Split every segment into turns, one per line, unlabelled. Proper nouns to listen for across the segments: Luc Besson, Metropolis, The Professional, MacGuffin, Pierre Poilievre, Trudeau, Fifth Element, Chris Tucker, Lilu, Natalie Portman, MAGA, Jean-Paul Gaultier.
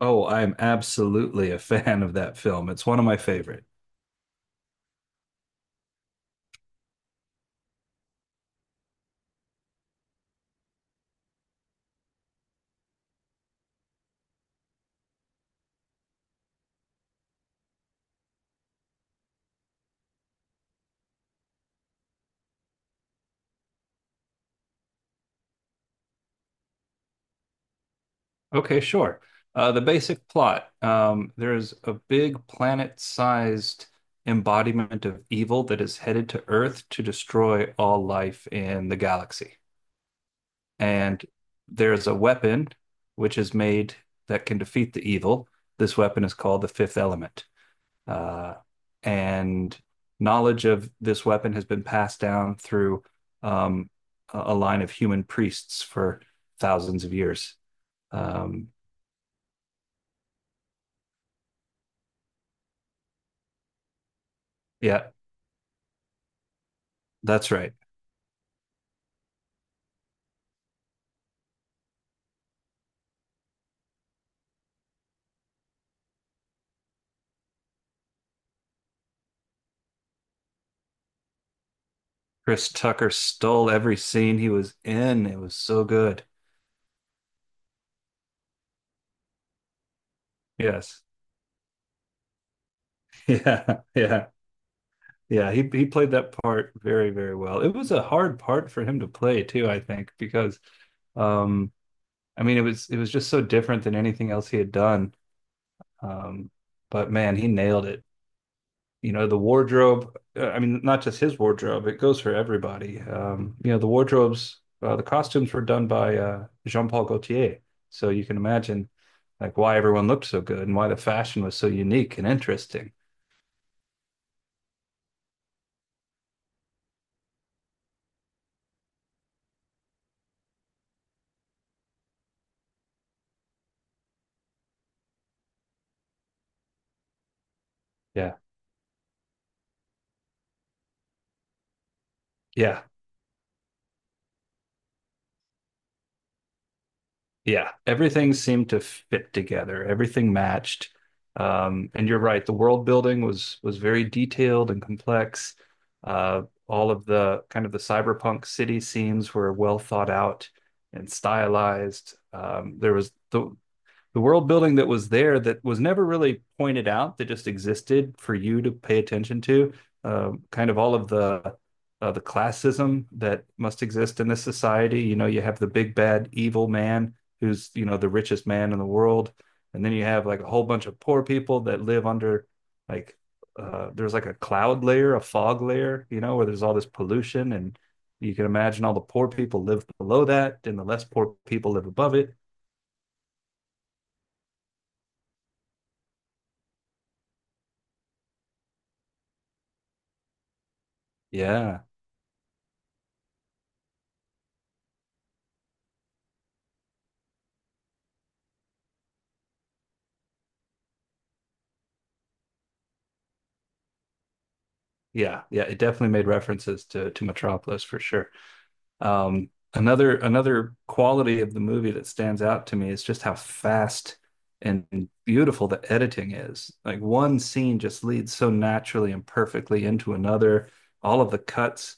Oh, I'm absolutely a fan of that film. It's one of my favorite. Okay, sure. The basic plot. There's a big planet-sized embodiment of evil that is headed to Earth to destroy all life in the galaxy. And there's a weapon which is made that can defeat the evil. This weapon is called the Fifth Element. Uh, and knowledge of this weapon has been passed down through um, a line of human priests for thousands of years. Um, yeah, that's right. Chris Tucker stole every scene he was in. It was so good. Yes. Yeah. Yeah. Yeah. He played that part very, very well. It was a hard part for him to play too, I think, because um, I mean, it was just so different than anything else he had done. Um, but man, he nailed it. You know, the wardrobe, I mean, not just his wardrobe, it goes for everybody. You know, the wardrobes, the costumes were done by Jean-Paul Gaultier. So you can imagine like why everyone looked so good and why the fashion was so unique and interesting. Yeah. Yeah. Yeah, everything seemed to fit together. Everything matched. And you're right, the world building was very detailed and complex. All of the kind of the cyberpunk city scenes were well thought out and stylized. There was the world building that was there that was never really pointed out that just existed for you to pay attention to, kind of all of the classism that must exist in this society. You know, you have the big bad evil man who's, you know, the richest man in the world, and then you have like a whole bunch of poor people that live under, like, there's like a cloud layer, a fog layer, you know, where there's all this pollution, and you can imagine all the poor people live below that and the less poor people live above it. Yeah. Yeah, yeah, it definitely made references to Metropolis for sure. Um, another quality of the movie that stands out to me is just how fast and beautiful the editing is. Like one scene just leads so naturally and perfectly into another. All of the cuts,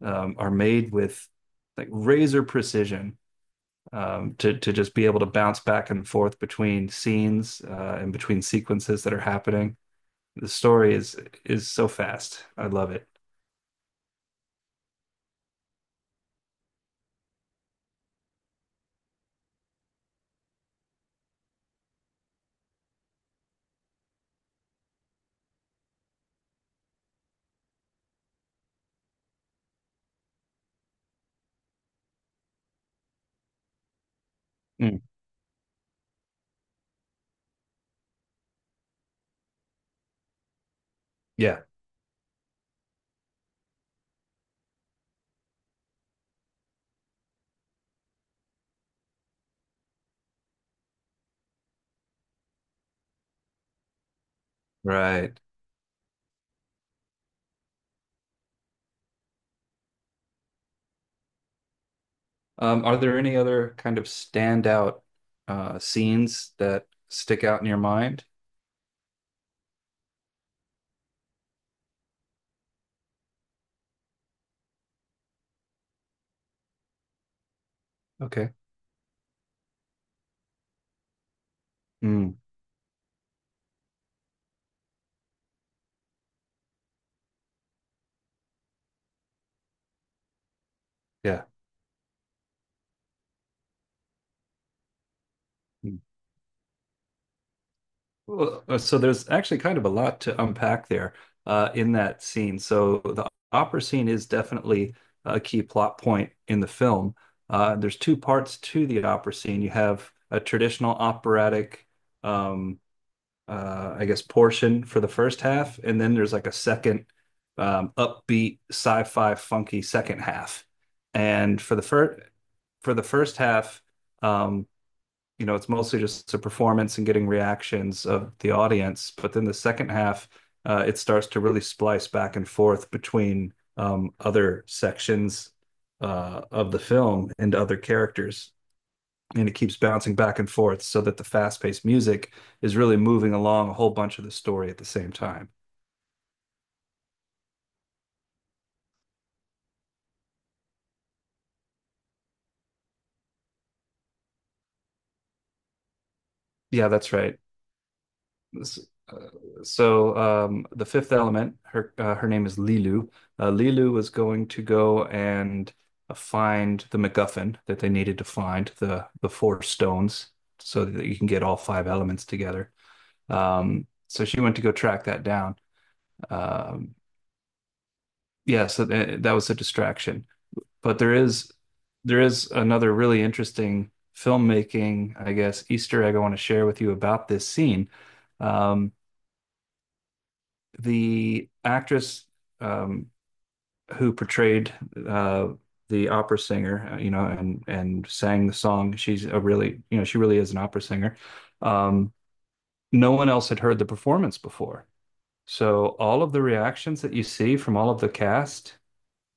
are made with like razor precision, to just be able to bounce back and forth between scenes, and between sequences that are happening. The story is so fast. I love it. Yeah, right. Are there any other kind of standout scenes that stick out in your mind? Okay. Mm, yeah. Mm. Well, so there's actually kind of a lot to unpack there in that scene. So the opera scene is definitely a key plot point in the film. There's two parts to the opera scene. You have a traditional operatic, um, I guess, portion for the first half, and then there's like a second, upbeat sci-fi funky second half. And for the first half, um, you know, it's mostly just a performance and getting reactions of the audience. But then the second half, it starts to really splice back and forth between, other sections of the film and other characters, and it keeps bouncing back and forth so that the fast-paced music is really moving along a whole bunch of the story at the same time. Yeah, that's right. S- uh, the fifth element, her her name is Lilu. Lilu was going to go and find the MacGuffin that they needed to find the four stones so that you can get all five elements together. So she went to go track that down. Um, yeah, so th that was a distraction. But there is another really interesting filmmaking, I guess, Easter egg I want to share with you about this scene. Um, the actress, um, who portrayed uh, the opera singer, you know, and sang the song, she's a really, you know, she really is an opera singer. Um, no one else had heard the performance before. So all of the reactions that you see from all of the cast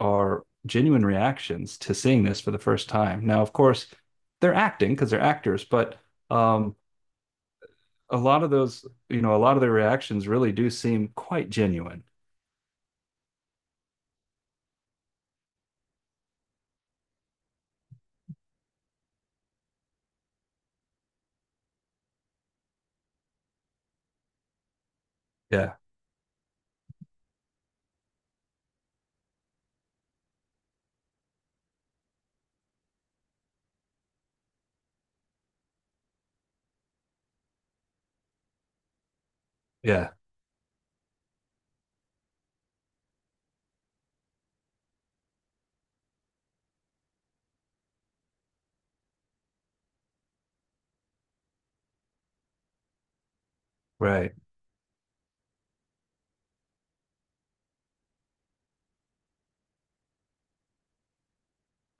are genuine reactions to seeing this for the first time. Now, of course, they're acting because they're actors, but, um, a lot of those, you know, a lot of their reactions really do seem quite genuine. Yeah, yeah, right.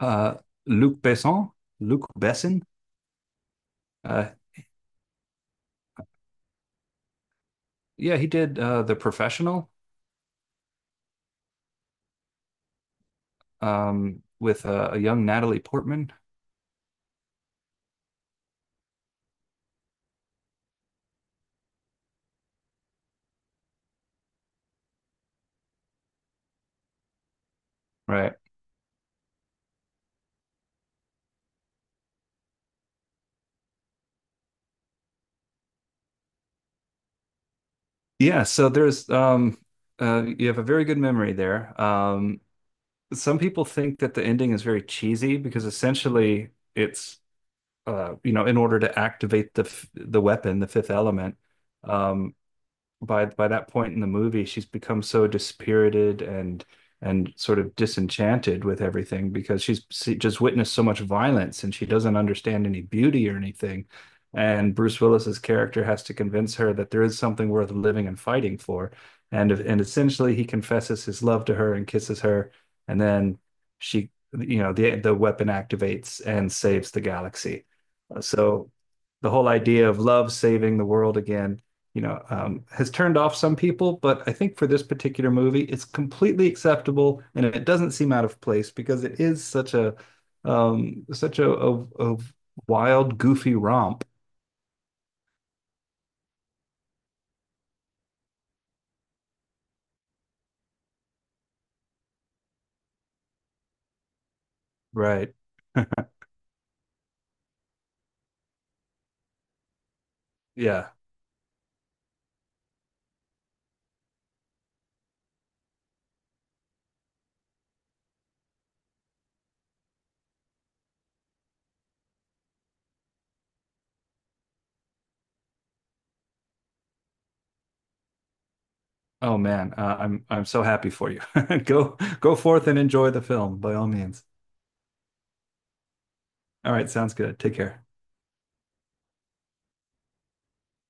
Uh, Luc Besson, Luc Besson, uh, yeah, he did The Professional, with a young Natalie Portman, right? Yeah, so there's you have a very good memory there. Some people think that the ending is very cheesy because essentially it's, you know, in order to activate the weapon, the fifth element, um, by that point in the movie, she's become so dispirited and sort of disenchanted with everything because she's just witnessed so much violence and she doesn't understand any beauty or anything. And Bruce Willis's character has to convince her that there is something worth living and fighting for. And essentially, he confesses his love to her and kisses her, and then she, you know, the weapon activates and saves the galaxy. So the whole idea of love saving the world again, you know, has turned off some people, but I think for this particular movie, it's completely acceptable and it doesn't seem out of place because it is such a, um, such a, a, a wild, goofy romp. Right. Yeah. Oh man, I'm so happy for you. Go forth and enjoy the film by all means. All right, sounds good. Take care.